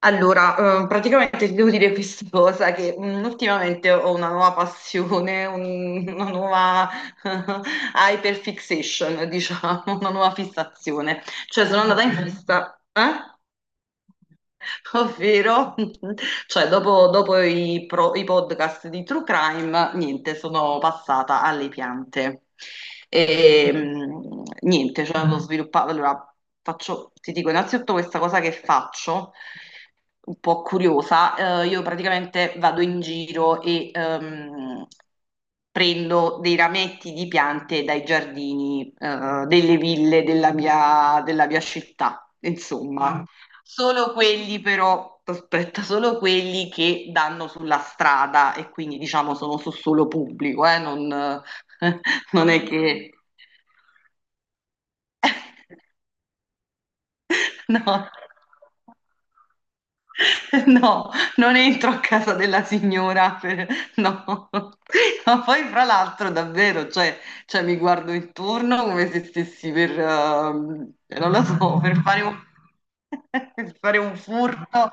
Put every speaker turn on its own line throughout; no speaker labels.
Allora, praticamente ti devo dire questa cosa, che ultimamente ho una nuova passione, una nuova hyperfixation, diciamo, una nuova fissazione. Cioè, sono andata in festa, eh? Ovvero, cioè, dopo i podcast di True Crime, niente, sono passata alle piante. E, niente, cioè, ho sviluppato. Allora, faccio, ti dico innanzitutto questa cosa che faccio, un po' curiosa. Io praticamente vado in giro e prendo dei rametti di piante dai giardini, delle ville della mia città, insomma. Ah, solo quelli però, aspetta, solo quelli che danno sulla strada e quindi diciamo sono su solo pubblico, non, non è che. No. No, non entro a casa della signora, no. Ma poi fra l'altro davvero, cioè, mi guardo intorno come se stessi per, non lo so, per fare un furto.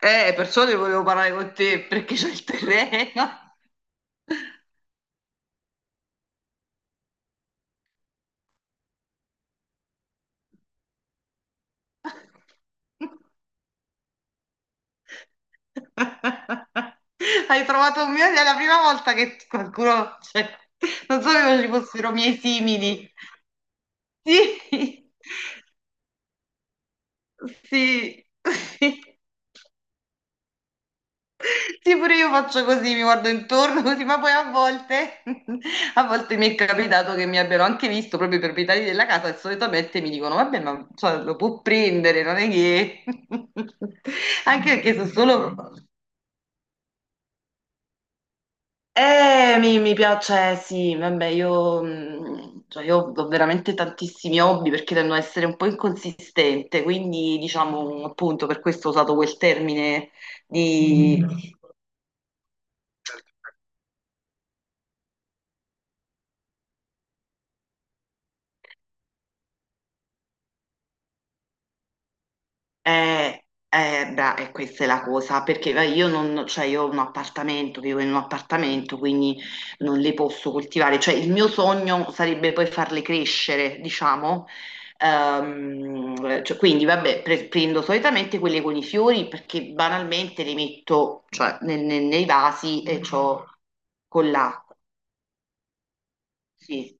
Perciò ne volevo parlare con te perché c'è il terreno. Hai trovato un mio, è la prima volta che qualcuno, cioè, non sapevo ci fossero miei simili. Sì, sì, sì. Sì, pure io faccio così, mi guardo intorno così, ma poi a volte, a volte mi è capitato che mi abbiano anche visto proprio i proprietari della casa e solitamente mi dicono, vabbè, ma cioè, lo può prendere, non è che. Anche perché sono solo. Mi piace, cioè, sì, vabbè, cioè, io ho veramente tantissimi hobby perché tendo ad essere un po' inconsistente, quindi diciamo appunto per questo ho usato quel termine di, e questa è la cosa, perché io non, cioè io ho un appartamento, vivo in un appartamento, quindi non le posso coltivare. Cioè, il mio sogno sarebbe poi farle crescere, diciamo. Cioè, quindi, vabbè, prendo solitamente quelle con i fiori perché banalmente le metto, cioè, nei vasi e c'ho con l'acqua. Sì.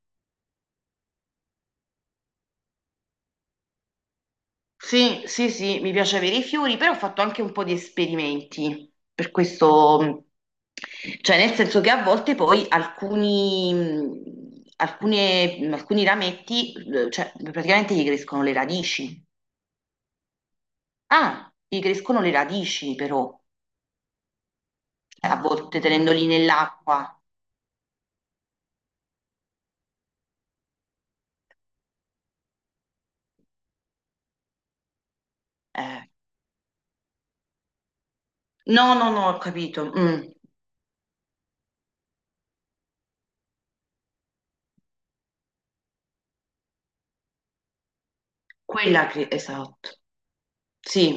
Sì, sì, sì, mi piace avere i fiori, però ho fatto anche un po' di esperimenti, per questo, cioè nel senso che a volte poi alcuni rametti, cioè praticamente gli crescono le radici. Ah, gli crescono le radici però, a volte tenendoli nell'acqua. Eh. No, no, no, ho capito. Quella che, esatto, sì.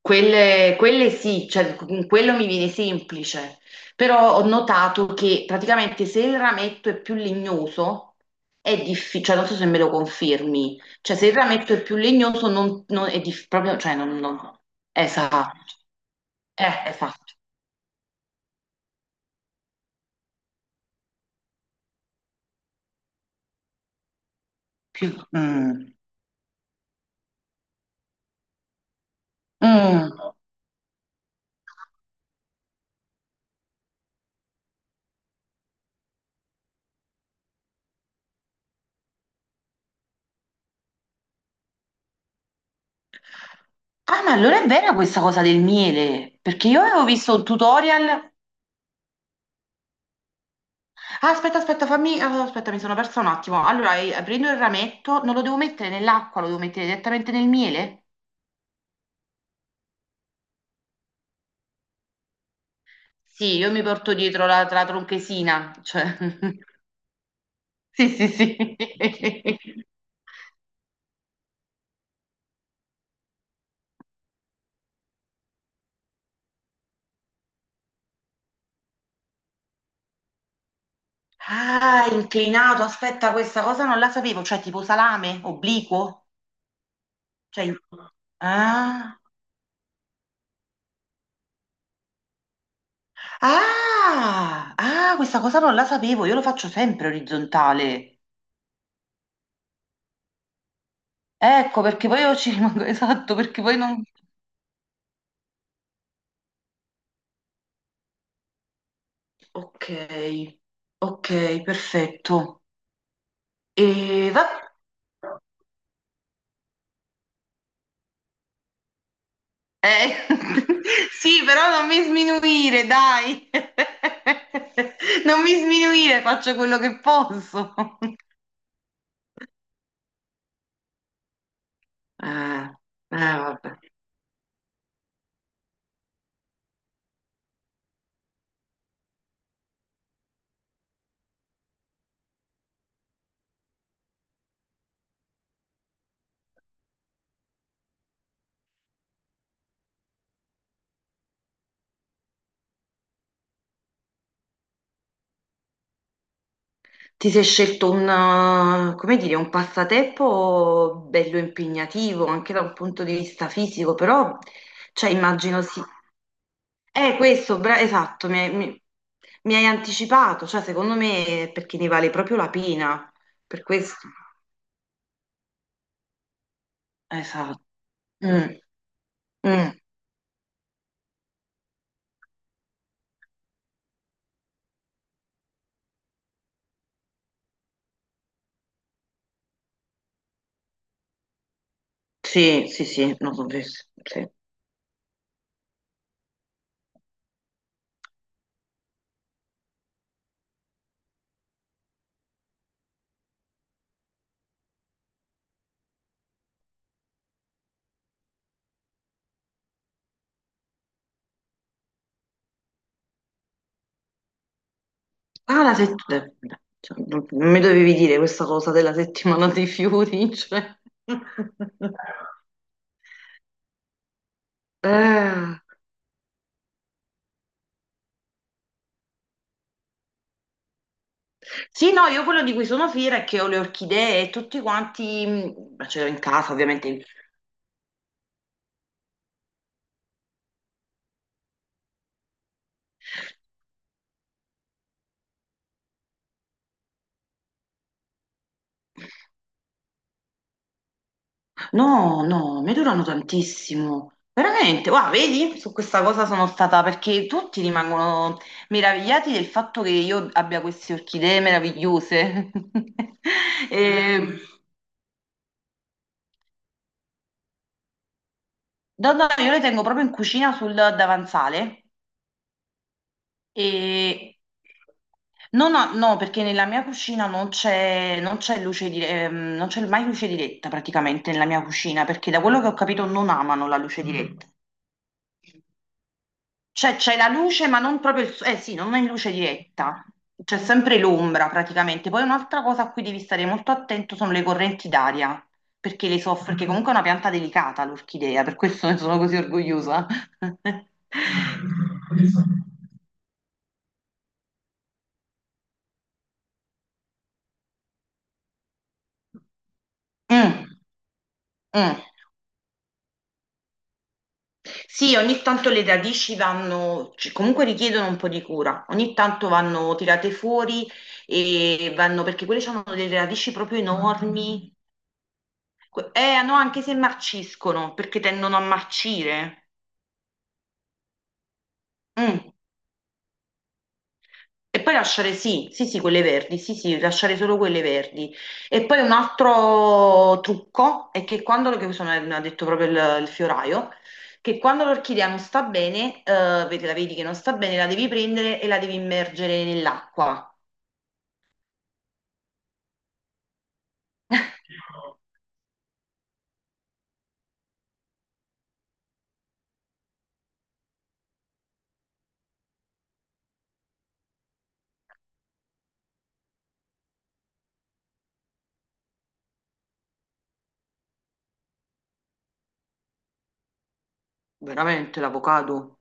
Quelle sì, cioè con quello mi viene semplice, però ho notato che praticamente se il rametto è più legnoso è difficile, cioè non so se me lo confermi, cioè se il rametto è più legnoso non è proprio, cioè esatto, esatto, più. mm. Mm. Ah, ma allora è vera questa cosa del miele, perché io avevo visto un tutorial. Ah, aspetta, aspetta, fammi. Aspetta, mi sono persa un attimo. Allora, prendo il rametto, non lo devo mettere nell'acqua, lo devo mettere direttamente nel miele? Sì, io mi porto dietro la tronchesina, cioè. Sì, sì, sì. Ah, inclinato, aspetta, questa cosa non la sapevo, cioè tipo salame, obliquo, cioè, ah, ah, ah, questa cosa non la sapevo, io lo faccio sempre orizzontale. Ecco, perché poi io ci rimango, esatto, perché poi non. Ok, ok, perfetto. E va, eh, sì, però non mi sminuire, dai. Non mi sminuire, faccio quello che posso. Eh, vabbè. Ti sei scelto un, come dire, un passatempo bello impegnativo anche da un punto di vista fisico, però cioè, immagino sì. Questo, esatto, mi hai anticipato, cioè secondo me è perché ne vale proprio la pena, per questo. Esatto. Mm, mm. Sì, sì, sì, no, sono felice, sì. Ah, la settimana, non mi dovevi dire questa cosa della settimana dei fiori, cioè. Eh. Sì, no, io quello di cui sono fiera è che ho le orchidee e tutti quanti, ce l'ho in casa ovviamente. No, no, mi durano tantissimo. Veramente, guarda, vedi? Su questa cosa sono stata perché tutti rimangono meravigliati del fatto che io abbia queste orchidee meravigliose. Mm. E, no, no, io le tengo proprio in cucina sul davanzale e no, no, no, perché nella mia cucina non c'è mai luce diretta praticamente nella mia cucina, perché da quello che ho capito non amano la luce diretta. Cioè, c'è la luce, ma non proprio il. Eh sì, non è in luce diretta. C'è sempre l'ombra praticamente. Poi un'altra cosa a cui devi stare molto attento sono le correnti d'aria, perché le soffre, perché comunque è una pianta delicata l'orchidea, per questo ne sono così orgogliosa. Mm, mm. Sì, ogni tanto le radici vanno, comunque richiedono un po' di cura, ogni tanto vanno tirate fuori e vanno, perché quelle hanno delle radici proprio enormi. No, anche se marciscono, perché tendono a marcire. Mm. E poi lasciare, sì, sì, sì, quelle verdi, sì, sì, lasciare solo quelle verdi. E poi un altro trucco è che quando, che questo me l'ha detto proprio il fioraio, che quando l'orchidea non sta bene, vedi, la vedi che non sta bene, la devi prendere e la devi immergere nell'acqua. Veramente, l'avocado.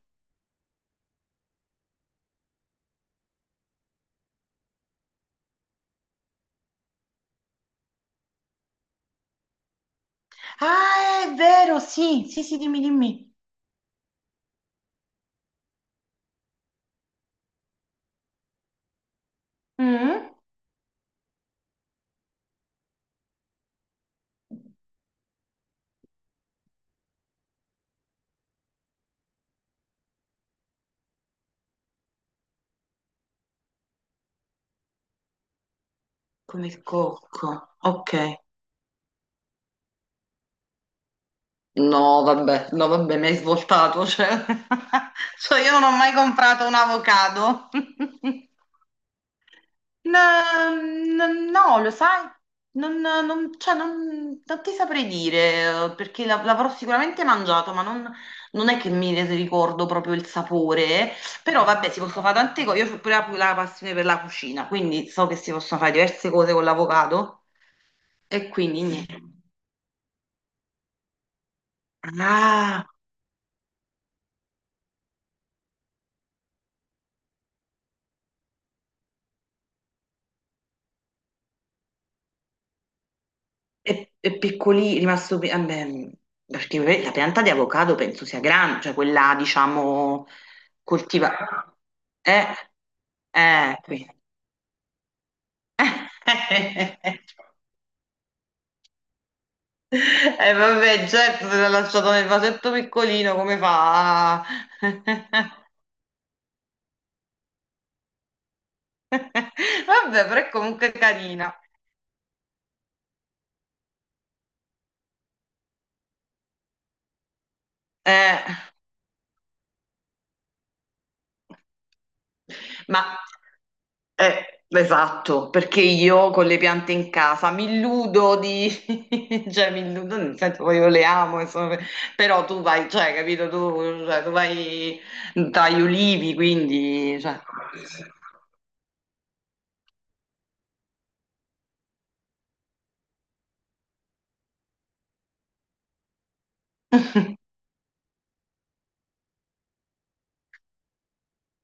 Ah, è vero, sì, sì, sì, dimmi, dimmi. Mm? Come il cocco, ok. No, vabbè, no, vabbè, mi hai svoltato, cioè, cioè io non ho mai comprato un avocado. No, no, no, lo sai, cioè, non ti saprei dire, perché l'avrò sicuramente mangiato, ma non è che mi ne ricordo proprio il sapore, però vabbè, si possono fare tante cose, io ho pure la passione per la cucina, quindi so che si possono fare diverse cose con l'avocado, e quindi niente. Ah! È rimasto, vabbè, perché la pianta di avocado penso sia grande, cioè quella, diciamo, coltivata. Eh, qui. Vabbè, certo, se l'ha lasciato nel vasetto piccolino, come fa? Vabbè, però è comunque carina. Eh, ma. Esatto, perché io con le piante in casa mi illudo di, cioè mi illudo, nel senso poi io le amo, insomma, però tu vai, cioè, capito, tu, cioè, tu vai dagli ulivi, quindi. Cioè.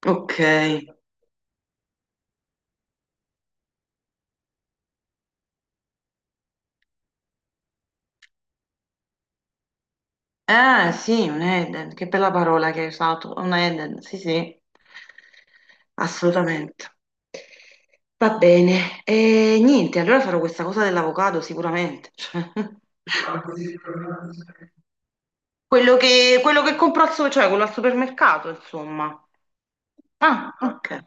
Ok. Ah, sì, un Eden, che bella parola che hai usato, un Eden, sì, sì, assolutamente. Va bene, e niente, allora farò questa cosa dell'avocado sicuramente. Cioè. Quello che compro cioè, quello al supermercato, insomma. Ah, ok.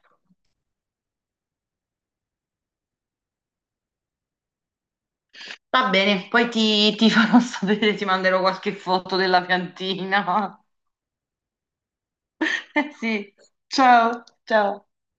Va bene, poi ti farò sapere, ti manderò qualche foto della piantina. Eh sì, ciao, ciao.